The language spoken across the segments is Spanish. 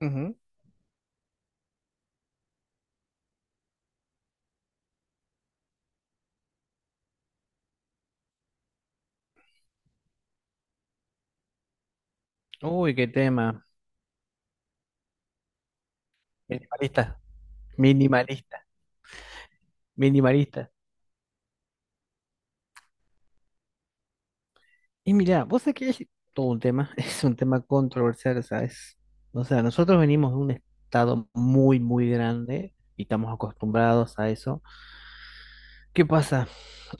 Ujú. Uy, qué tema. Minimalista, minimalista, minimalista. Y mira, vos sabés que es todo un tema, es un tema controversial, ¿sabes? O sea, nosotros venimos de un estado muy, muy grande y estamos acostumbrados a eso. ¿Qué pasa?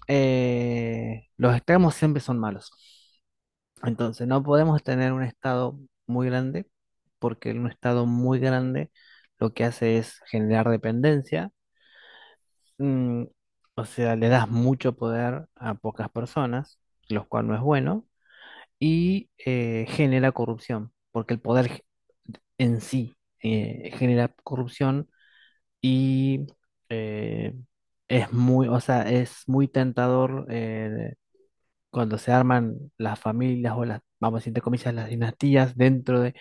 Los extremos siempre son malos. Entonces, no podemos tener un estado muy grande porque un estado muy grande lo que hace es generar dependencia. mm, o sea, le das mucho poder a pocas personas, lo cual no es bueno, y genera corrupción, porque el en sí genera corrupción y eh, es muy, o sea, es muy tentador cuando se arman las familias o las, vamos a decir, entre comillas, las dinastías dentro de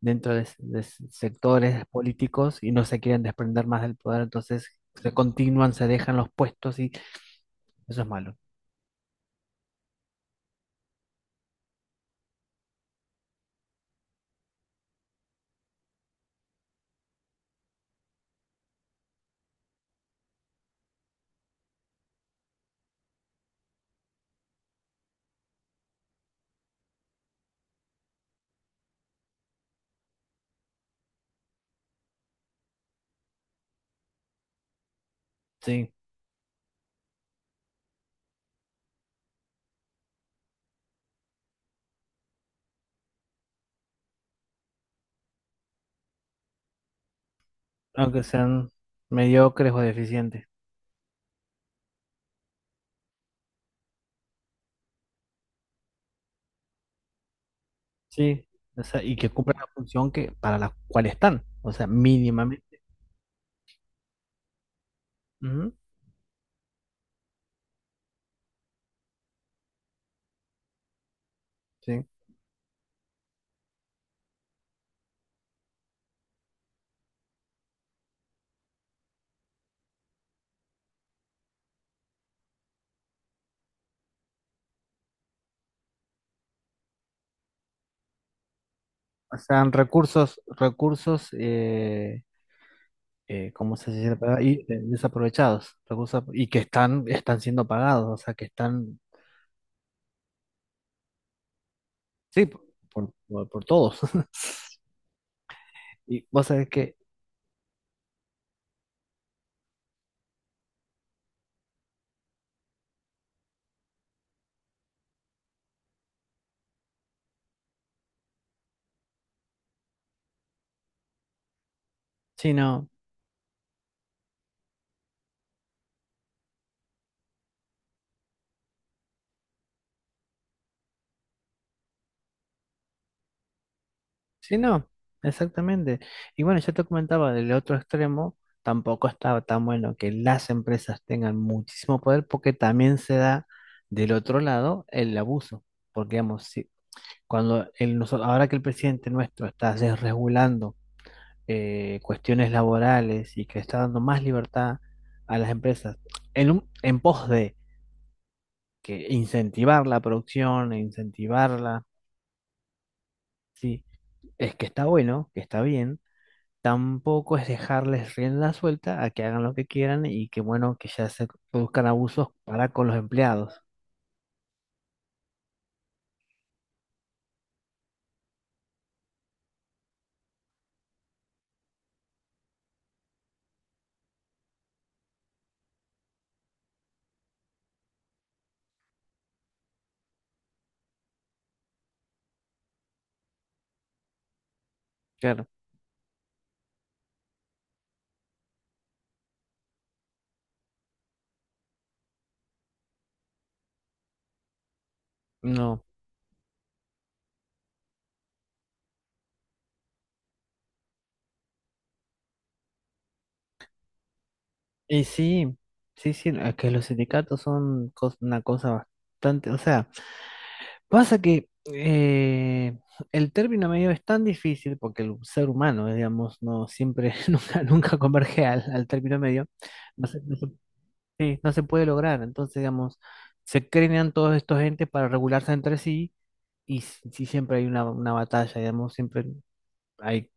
dentro de, de sectores políticos y no se quieren desprender más del poder, entonces se continúan, se dejan los puestos y eso es malo. Sí, aunque sean mediocres o deficientes. Sí, o sea, y que cumplan la función que para la cual están, o sea, mínimamente. Ujú, sí. O sea, recursos, recursos, ¿cómo se dice la palabra? Y, desaprovechados, recursos, y que están, están siendo pagados, o sea, que están, sí, por todos. Y vos sabés que sí, no, sí, no, exactamente. Y bueno, yo te comentaba del otro extremo, tampoco estaba tan bueno que las empresas tengan muchísimo poder porque también se da del otro lado el abuso. Porque digamos, cuando ahora que el presidente nuestro está desregulando cuestiones laborales y que está dando más libertad a las empresas en, en pos de que incentivar la producción, e incentivarla, sí, es que está bueno, que está bien. Tampoco es dejarles rienda suelta a que hagan lo que quieran y que bueno, que ya se produzcan abusos para con los empleados. Claro, no. Y sí, sí, sí, es que los sindicatos son una cosa bastante, o sea, pasa que el término medio es tan difícil porque el ser humano, digamos, no siempre, nunca, nunca converge al, al término medio, no se, no se- sí, no se puede lograr. Entonces, digamos, se crean todos estos entes para regularse entre sí. Y si siempre hay una batalla, digamos, siempre hay...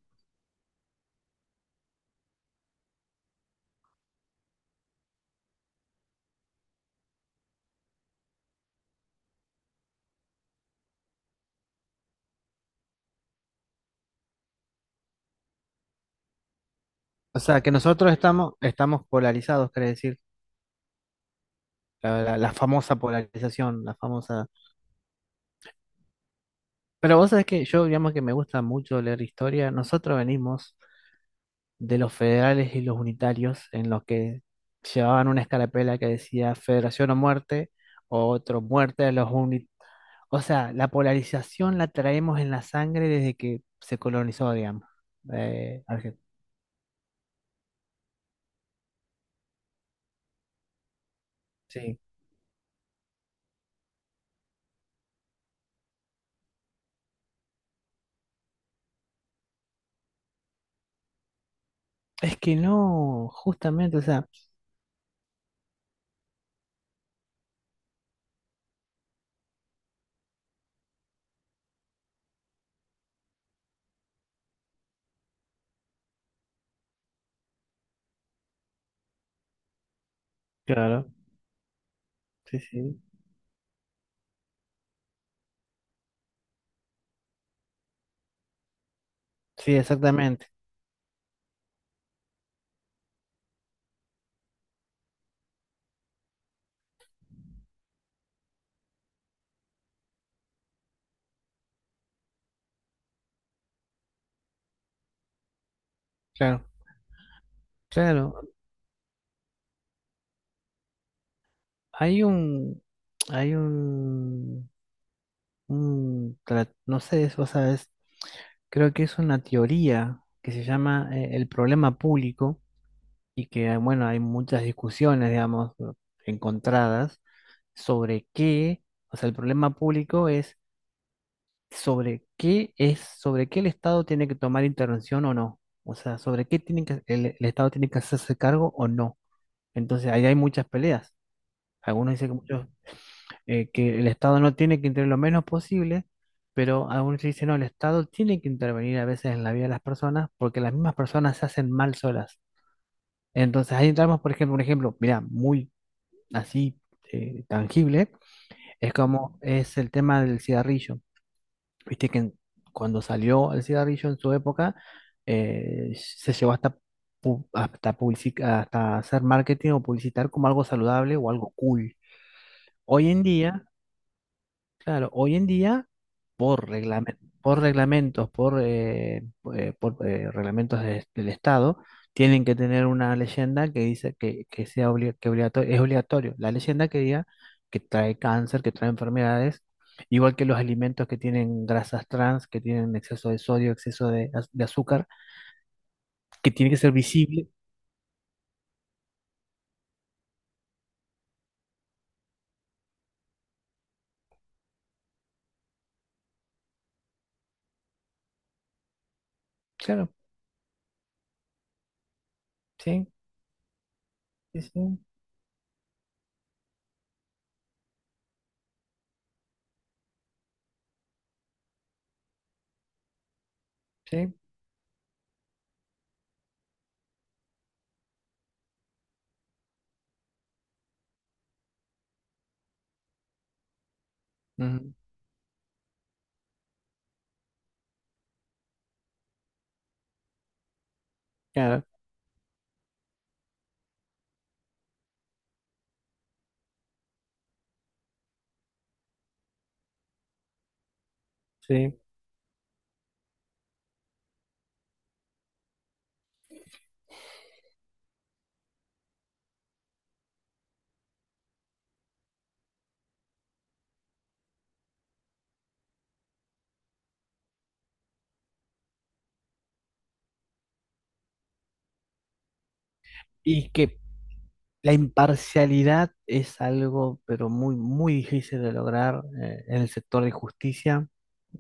O sea, que nosotros estamos, estamos polarizados, quiere decir, la, la famosa polarización, la famosa... Pero vos sabés que yo, digamos que me gusta mucho leer historia, nosotros venimos de los federales y los unitarios, en los que llevaban una escarapela que decía Federación o muerte, o otro muerte a los unitarios. O sea, la polarización la traemos en la sangre desde que se colonizó, digamos, eh, Argentina. Es que no, justamente, o sea, claro, sí, sí, sí, exactamente, claro, claro, hay un, hay un, no sé, eso, sabes, creo que es una teoría que se llama el problema público y que, ah, bueno, hay muchas discusiones, digamos, encontradas sobre qué, o sea, el problema público es, sobre qué el Estado tiene que tomar intervención o no. O sea, sobre qué tiene que, el Estado tiene que hacerse cargo o no. Entonces, ahí hay muchas peleas. Algunos dicen que, muchos, que el Estado no tiene que intervenir lo menos posible, pero algunos dicen, no, el Estado tiene que intervenir a veces en la vida de las personas porque las mismas personas se hacen mal solas. Entonces, ahí entramos, por ejemplo, un ejemplo, mira, muy así tangible, es como es el tema del cigarrillo. Viste que cuando salió el cigarrillo en su época, se llevó hasta, hasta, hasta hacer marketing o publicitar como algo saludable o algo cool. Hoy en día, claro, hoy en día, por por reglamentos, reglamentos del Estado, tienen que tener una leyenda que dice que sea es obligatorio. La leyenda que diga que trae cáncer, que trae enfermedades, igual que los alimentos que tienen grasas trans, que tienen exceso de sodio, exceso de, de azúcar, que tiene que ser visible. Claro, sí, sí, sí, sí, ujú, claro, sí. Y que la imparcialidad es algo, pero muy, muy difícil de lograr en el sector de justicia,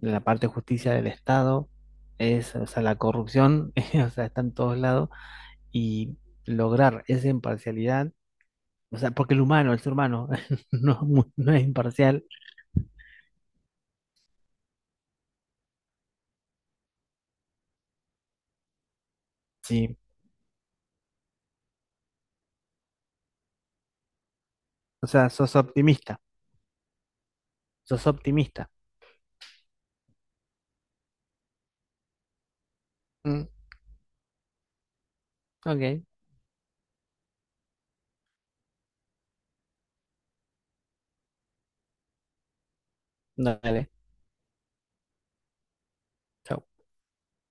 en la parte de justicia del Estado, es, o sea, la corrupción, o sea, está en todos lados, y lograr esa imparcialidad, o sea, porque el humano, el ser humano, no, es no es imparcial, sí, o sea, sos optimista, sos optimista. Mm, ok, dale, chau.